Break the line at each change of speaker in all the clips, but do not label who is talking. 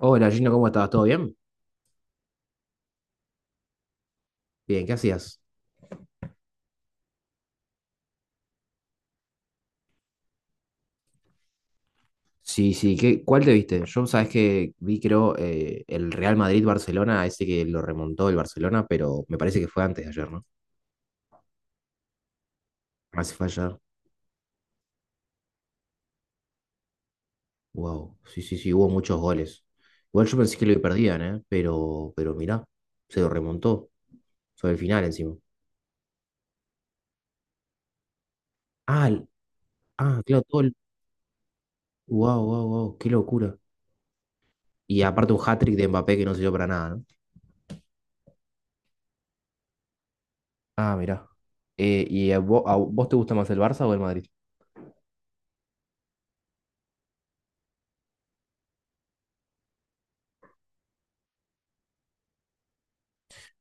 Hola Gino, ¿cómo estás? ¿Todo bien? Bien, ¿qué hacías? Sí, sí, ¿qué, cuál te viste? Yo, sabes que vi, creo, el Real Madrid-Barcelona, ese que lo remontó el Barcelona, pero me parece que fue antes de ayer, ¿no? Ah, sí fue ayer. Wow, sí, sí, sí, hubo muchos goles. Igual yo pensé que lo perdían, ¿eh? Pero mirá, se lo remontó sobre el final encima. Ah, el- ah, claro, todo el... Wow, wow, wow, qué locura. Y aparte un hat-trick de Mbappé que no sirvió para nada, ¿no? Ah, mirá. ¿Y a vos te gusta más el Barça o el Madrid?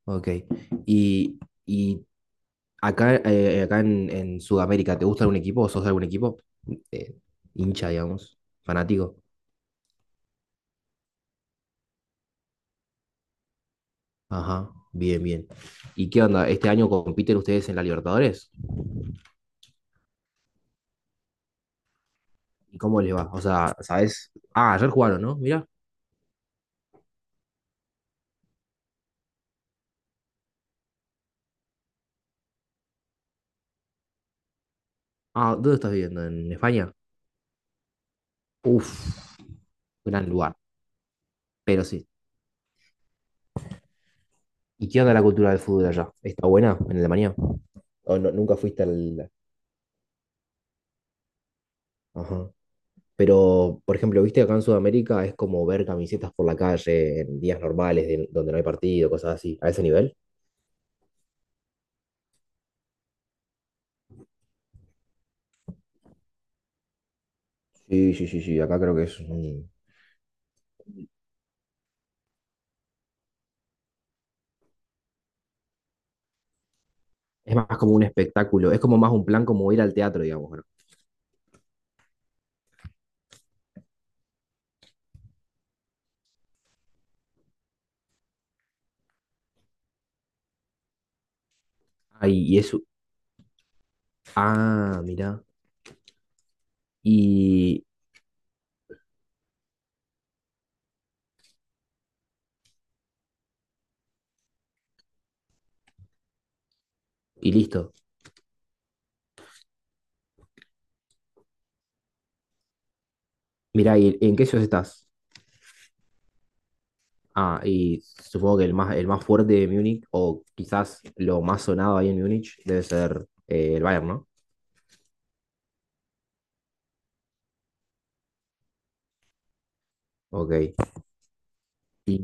Ok. Y, y acá, acá en Sudamérica, ¿te gusta algún equipo o sos de algún equipo? Eh, hincha, digamos, fanático. Ajá, bien, bien. ¿Y qué onda? ¿Este año compiten ustedes en la Libertadores? ¿Y cómo les va? O sea, ¿sabes? Ah, ayer jugaron, ¿no? Mirá. Ah, ¿dónde estás viviendo? ¿En España? Uf, gran lugar. Pero sí. ¿Y qué onda la cultura del fútbol allá? ¿Está buena en Alemania? ¿O nunca fuiste al... Ajá. Pero, por ejemplo, viste acá en Sudamérica es como ver camisetas por la calle en días normales donde no hay partido, cosas así, a ese nivel. Sí, sí, sí, sí, acá creo que es un... Es más como un espectáculo, es como más un plan como ir al teatro, digamos, ¿no? Ah, y eso. Ah, mirá. Y, y listo. Mirá, ¿y en qué ciudad estás? Ah, y supongo que el más fuerte de Múnich, o quizás lo más sonado ahí en Múnich, debe ser el Bayern, ¿no? Ok. Y,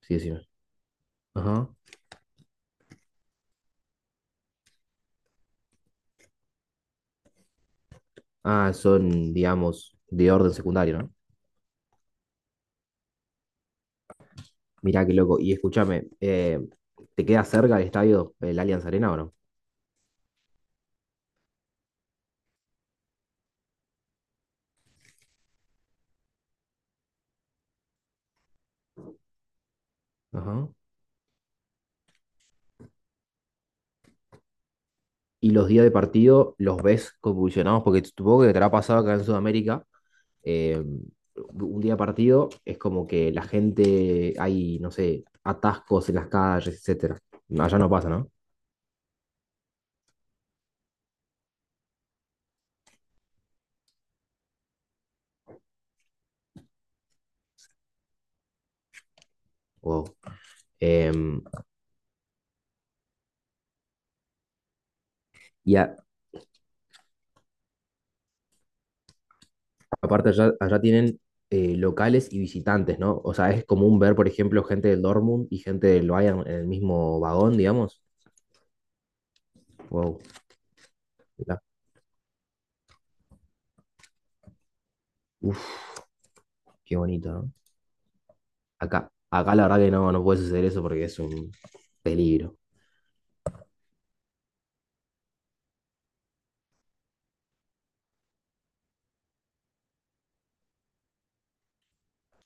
sí, sí. Ah, son, digamos, de orden secundario, ¿no? Mirá qué loco. Y escúchame, ¿te queda cerca el estadio, el Allianz Arena o no? Ajá. Y los días de partido los ves convulsionados, porque supongo que te habrá pasado acá en Sudamérica. eh, un día de partido es como que la gente, hay, no sé, atascos en las calles, etcétera. Allá no pasa, ¿no? O, em, y a- Aparte, allá, allá tienen locales y visitantes, ¿no? O sea, es común ver, por ejemplo, gente del Dortmund y gente del Bayern en el mismo vagón, digamos. Wow, mirá. Uf, qué bonito, ¿no? Acá, acá la verdad que no, no puede suceder eso porque es un peligro.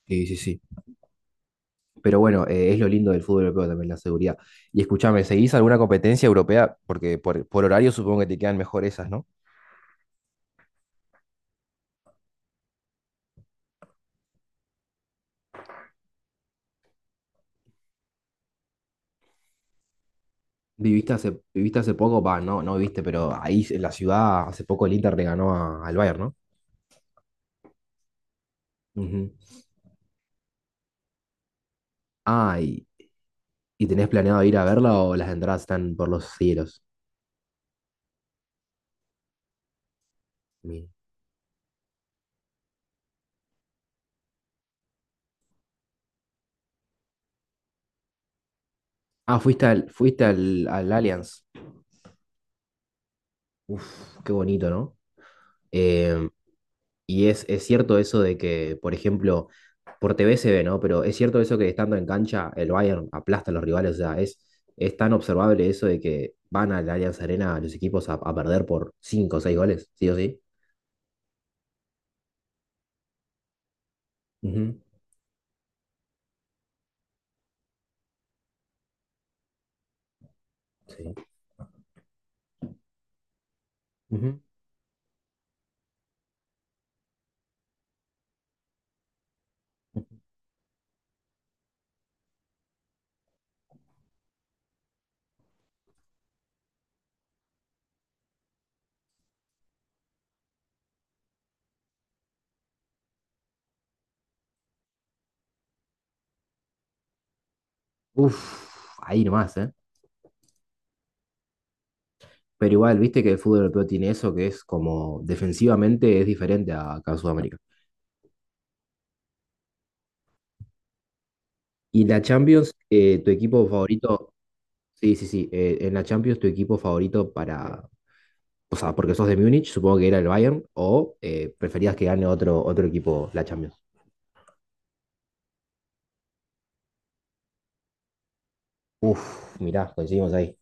Sí, sí, sí. Pero bueno, es lo lindo del fútbol europeo también, la seguridad. Y escúchame, ¿seguís alguna competencia europea? Porque por horario supongo que te quedan mejor esas, ¿no? ¿Viviste hace poco? Va, no, no viviste, pero ahí en la ciudad hace poco el Inter le ganó al Bayern, ¿no? Ujú. Ay, ¿y tenés planeado ir a verla o las entradas están por los cielos? Mi- Ah, al Allianz. Uf, qué bonito, ¿no? Eh, y es cierto eso de que, por ejemplo, por TV se ve, ¿no? Pero es cierto eso que estando en cancha, el Bayern aplasta a los rivales. O sea, es tan observable eso de que van al Allianz Arena los equipos a perder por 5 o 6 goles, ¿sí o sí? Ujú, sí. Ujú. Uf, ahí nomás, ¿eh? Pero igual, viste que el fútbol europeo tiene eso, que es como defensivamente es diferente a acá en Sudamérica. Y la Champions, sí, sí, sí, en la Champions tu equipo favorito o sea, porque sos de Múnich, supongo que era el Bayern, o preferías que gane otro equipo la Champions. Uf, mirá, coincidimos ahí.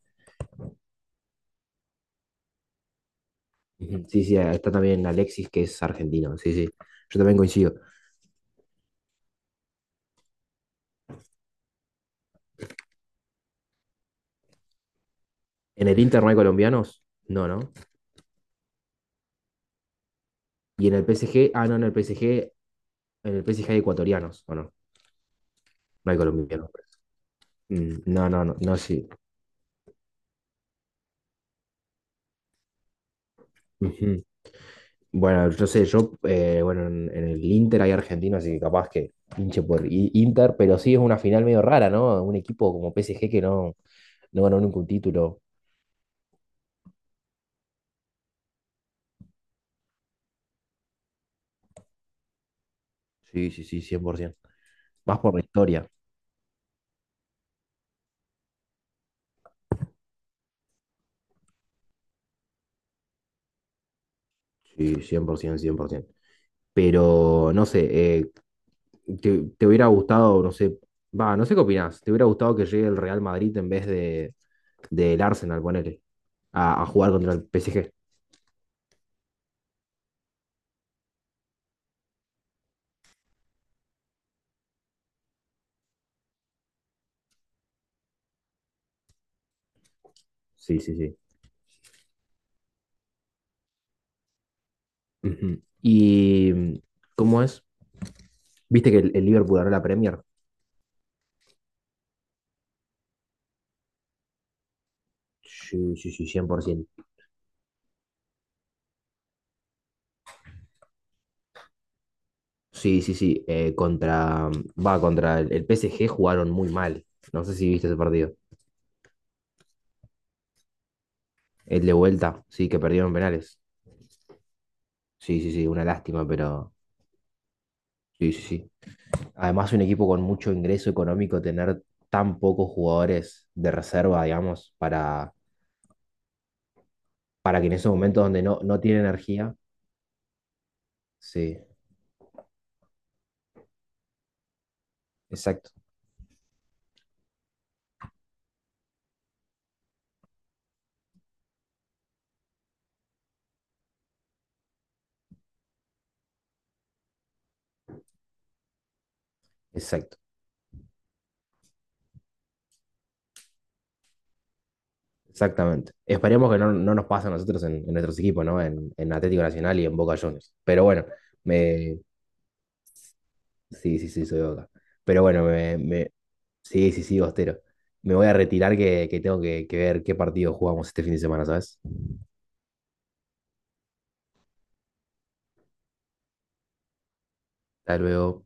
Ujú. Sí, sí, está también Alexis, que es argentino, sí, sí, yo también coincido. ¿En el Inter no hay colombianos? No, ¿no? ¿Y en el PSG? Ah, no, en el PSG hay ecuatorianos, ¿o no? No hay colombianos. Mm, no, no, no, no, sí. Ujú. Bueno, yo sé, yo, bueno, en el Inter hay argentino, así que capaz que hinche por Inter, pero sí es una final medio rara, ¿no? Un equipo como PSG que no, no ganó nunca un título. Sí, sí, sí, 100%. Más por la historia. Sí, cien cien por ciento, cien por 100%. Pero, no sé, te hubiera gustado, no sé, va, no sé qué opinás, te hubiera gustado que llegue el Real Madrid en vez de, del Arsenal, ponele, a jugar contra el PSG. Sí, sí, sí. Ujú. ¿Y cómo es? ¿Viste que el Liverpool ganó la Premier? Sí, sí, sí, 100%. Sí, sí, sí. Contra el PSG jugaron muy mal. No sé si viste ese partido. El de vuelta, sí, que perdieron penales. Sí, sí, sí, una lástima, pero sí, sí, sí. Además, un equipo con mucho ingreso económico, tener tan pocos jugadores de reserva, digamos, para que en esos momentos donde no, no tiene energía, sí, exacto, exacto. Exactamente. Esperemos que no, no nos pase a nosotros en nuestros equipos, ¿no? En Atlético Nacional y en Boca Juniors. Pero bueno, me... sí, sí, sí, soy de Boca. Pero bueno, sí, sí, sí, Bostero. Me voy a retirar que tengo que ver qué partido jugamos este fin de semana, ¿sabes? Hasta luego.